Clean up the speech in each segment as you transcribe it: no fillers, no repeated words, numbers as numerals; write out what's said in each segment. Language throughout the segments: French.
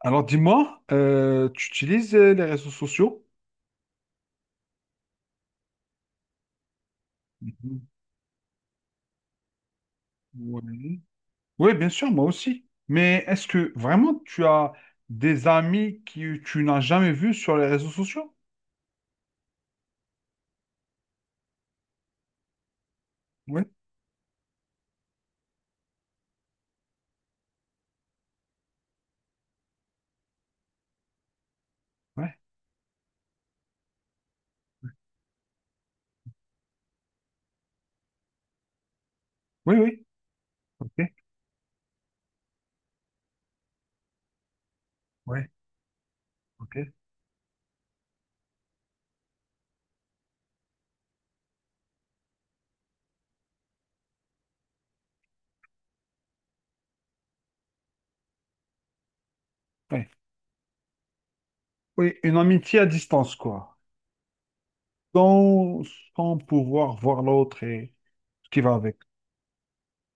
Alors dis-moi, tu utilises les réseaux sociaux? Oui. Oui, bien sûr, moi aussi. Mais est-ce que vraiment tu as des amis que tu n'as jamais vus sur les réseaux sociaux? Oui, oui, oui. Ok, oui, ok. Oui, oui, une amitié à distance, quoi. Sans, sans pouvoir voir l'autre et ce qui va avec.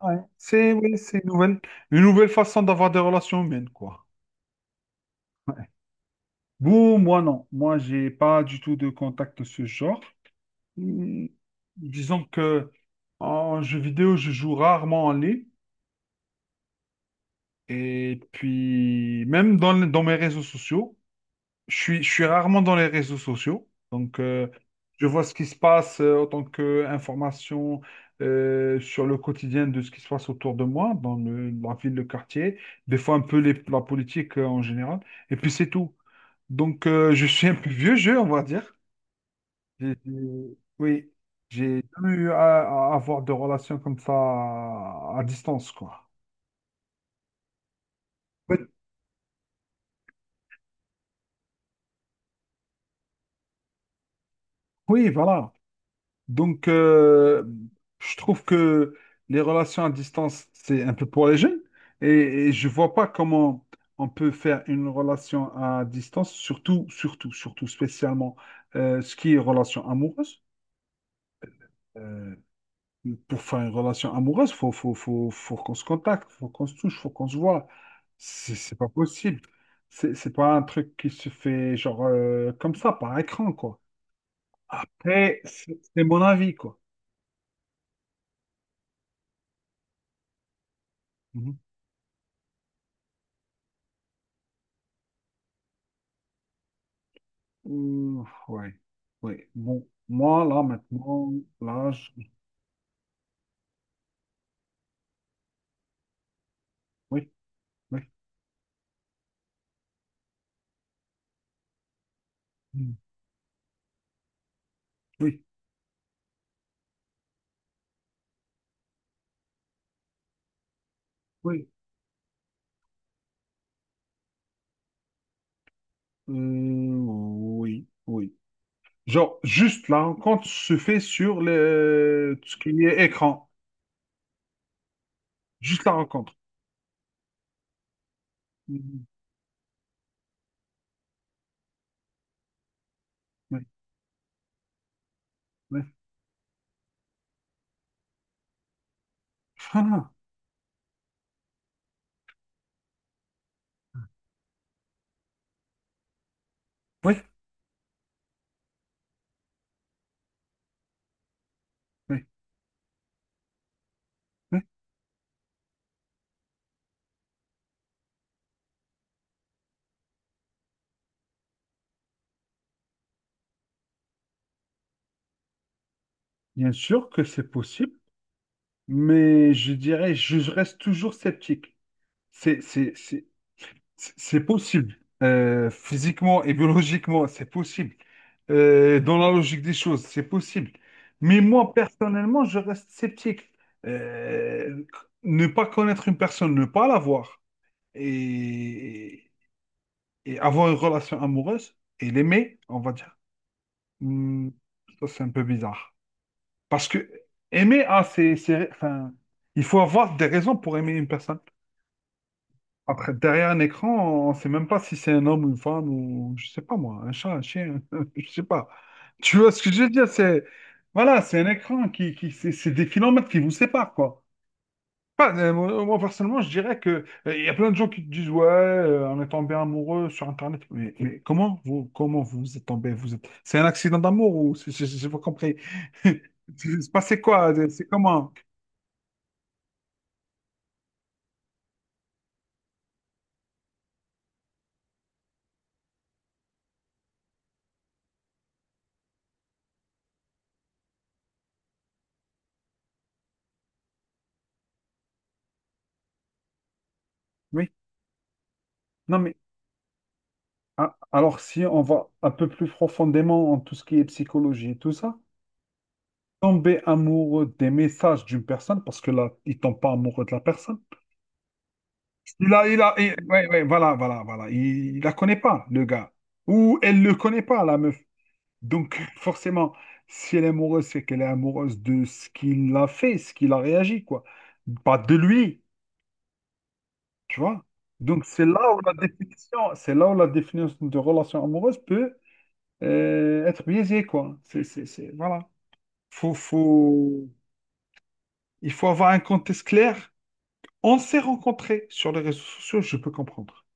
Ouais. C'est une nouvelle façon d'avoir des relations humaines, quoi. Ouais. Bon, moi non. Moi, j'ai pas du tout de contact de ce genre. Hmm, disons que en jeu vidéo, je joue rarement en ligne. Et puis, même dans mes réseaux sociaux, je suis rarement dans les réseaux sociaux. Donc, je vois ce qui se passe en tant qu'information sur le quotidien de ce qui se passe autour de moi, dans la ville, le quartier, des fois un peu la politique en général. Et puis, c'est tout. Donc, je suis un peu vieux jeu, on va dire. Oui, j'ai jamais eu à avoir de relations comme ça à distance, quoi. En Oui, voilà. Donc, je trouve que les relations à distance, c'est un peu pour les jeunes. Et, et je vois pas comment on peut faire une relation à distance, surtout, surtout, surtout, spécialement ce qui est relation amoureuse. Euh, Pour faire une relation amoureuse, faut, faut, faut, faut qu'on se contacte, faut qu'on se touche, faut qu'on se voit. C'est pas possible. C'est pas un truc qui se fait genre comme ça, par écran, quoi. C'est mon avis, quoi. Mhm. Ouh, ouais, ouais. Bon, moi, là, maintenant, là, je- oui, oui, mm, oui, oui, euh, oui, oui. Genre, juste la rencontre se fait sur ce qui est écran. Juste la rencontre. Mhm, oui, oui. Ah, oui, oui, oui. Bien sûr que c'est possible, mais je dirais, je reste toujours sceptique. C'est, c'est, c'est, c'est possible. Physiquement et biologiquement, c'est possible. Dans la logique des choses, c'est possible. Mais moi, personnellement, je reste sceptique. Euh, Ne pas connaître une personne, ne pas la voir et, et avoir une relation amoureuse et l'aimer, on va dire, hmm, ça, c'est un peu bizarre. Parce que aimer, enfin, il faut avoir des raisons pour aimer une personne. Après, derrière un écran, on ne sait même pas si c'est un homme ou une femme ou, je sais pas moi, un chat, un chien, je sais pas. Tu vois ce que je veux dire? Voilà, c'est un écran qui c'est des kilomètres qui vous séparent, quoi. Pas, personnellement, je dirais que il y a plein de gens qui te disent, ouais, on est tombé amoureux sur Internet. Mais comment comment vous êtes tombé? C'est un accident d'amour ou j'ai pas compris. C'est passé quoi? C'est comment? Oui, non, mais alors si on va un peu plus profondément en tout ce qui est psychologie et tout ça, tomber amoureux des messages d'une personne, parce que là, il tombe pas amoureux de la personne. Ouais, ouais, voilà. Il la connaît pas, le gars. Ou elle le connaît pas, la meuf. Donc, forcément, si elle est amoureuse, c'est qu'elle est amoureuse de ce qu'il a fait, ce qu'il a réagi, quoi. Pas de lui, tu vois. Donc, c'est là où la définition de relation amoureuse peut être biaisé, quoi. Voilà. Faut, faut... Il faut avoir un contexte clair. On s'est rencontrés sur les réseaux sociaux, je peux comprendre.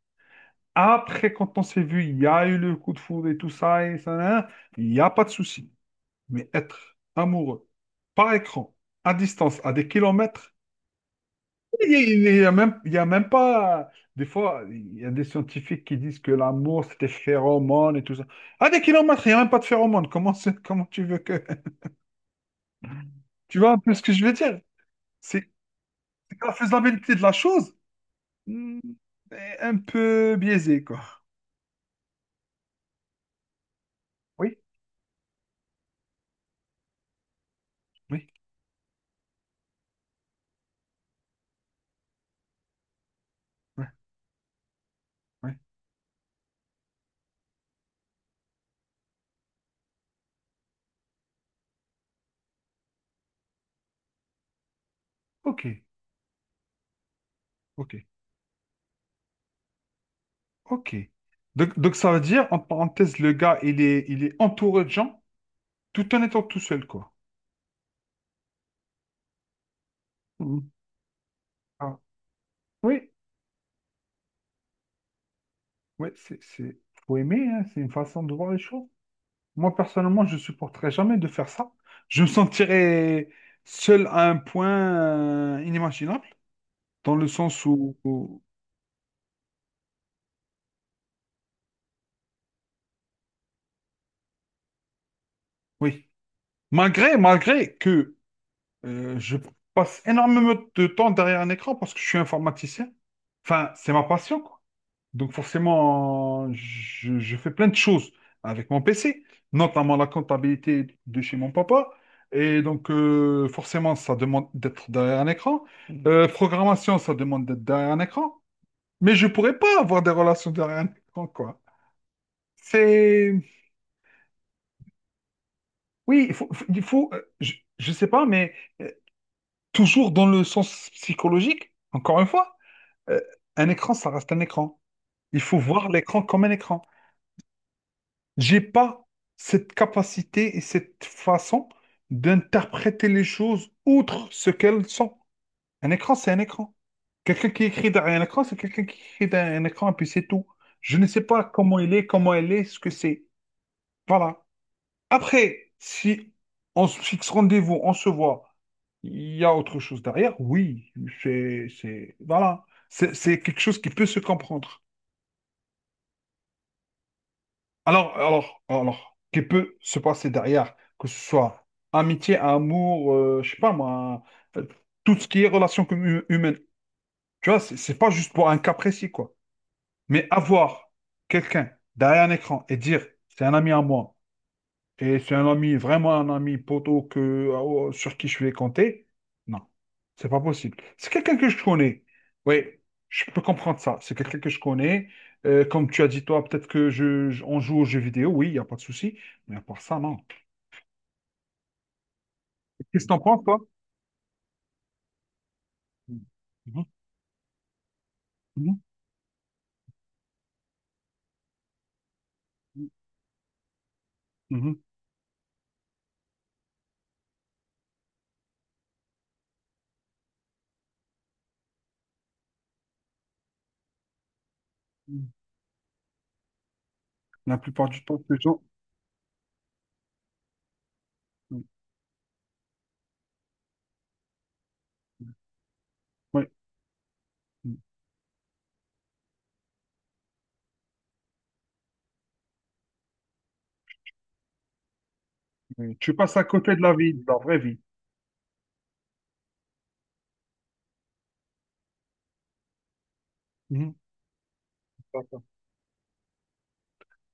Après, quand on s'est vu, il y a eu le coup de foudre et tout ça, et ça, nan, nan, il n'y a pas de souci. Mais être amoureux, par écran, à distance, à des kilomètres, il y a même pas... Des fois, il y a des scientifiques qui disent que l'amour, c'est des phéromones et tout ça. À des kilomètres, il n'y a même pas de phéromones. Comment tu veux que... Tu vois un peu ce que je veux dire? C'est c'est que la faisabilité de la chose hmm, est un peu biaisée, quoi. Oui, oui, ouais, ouais. Ok, ok, ok. Donc ça veut dire, en parenthèse, le gars, il est entouré de gens tout en étant tout seul, quoi. Hmm. Ah, oui, oui, faut aimer, hein, c'est une façon de voir les choses. Moi, personnellement, je supporterais jamais de faire ça. Je me sentirais seul à un point inimaginable, dans le sens oui. Malgré que je passe énormément de temps derrière un écran parce que je suis informaticien, enfin, c'est ma passion, quoi. Donc forcément, je fais plein de choses avec mon PC, notamment la comptabilité de chez mon papa. Et donc, forcément, ça demande d'être derrière un écran. Programmation, ça demande d'être derrière un écran. Mais je pourrais pas avoir des relations derrière un écran, quoi. C'est... Oui, il faut... il faut il faut- je sais pas, mais... euh, Toujours dans le sens psychologique, encore une fois, euh, un écran, ça reste un écran. Il faut voir l'écran comme un écran. J'ai pas cette capacité et cette façon d'interpréter les choses outre ce qu'elles sont. Un écran, c'est un écran. Quelqu'un qui écrit derrière un écran, c'est quelqu'un qui écrit derrière un écran, et puis c'est tout. Je ne sais pas comment il est, comment elle est, ce que c'est. Voilà. Après, si on se fixe rendez-vous, on se voit, il y a autre chose derrière, oui, c'est, voilà, c'est quelque chose qui peut se comprendre. Alors, qui peut se passer derrière, que ce soit amitié, amour, je sais pas moi, euh, tout ce qui est relation humaine. Tu vois, c'est pas juste pour un cas précis, quoi. Mais avoir quelqu'un derrière un écran et dire, c'est un ami à moi. Et c'est un ami, vraiment un ami poteau que, sur qui je vais compter. Non, c'est pas possible. C'est quelqu'un que je connais. Oui, je peux comprendre ça. C'est quelqu'un que je connais. Comme tu as dit, toi, peut-être que on joue aux jeux vidéo. Oui, il n'y a pas de souci. Mais à part ça, non. Qu'est-ce que t'en penses, toi? Mhm, mhm, mhm, mhm. La plupart du temps, c'est toujours- Oui, oui. Tu passes à côté de la vie, de la vraie vie. Mhm. D'accord.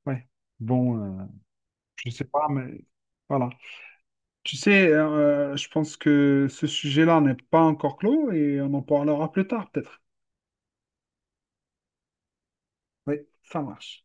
Ouais. Bon, euh, je sais pas, mais voilà. Tu sais, je pense que ce sujet-là n'est pas encore clos et on en parlera plus tard, peut-être. Oui, ça marche.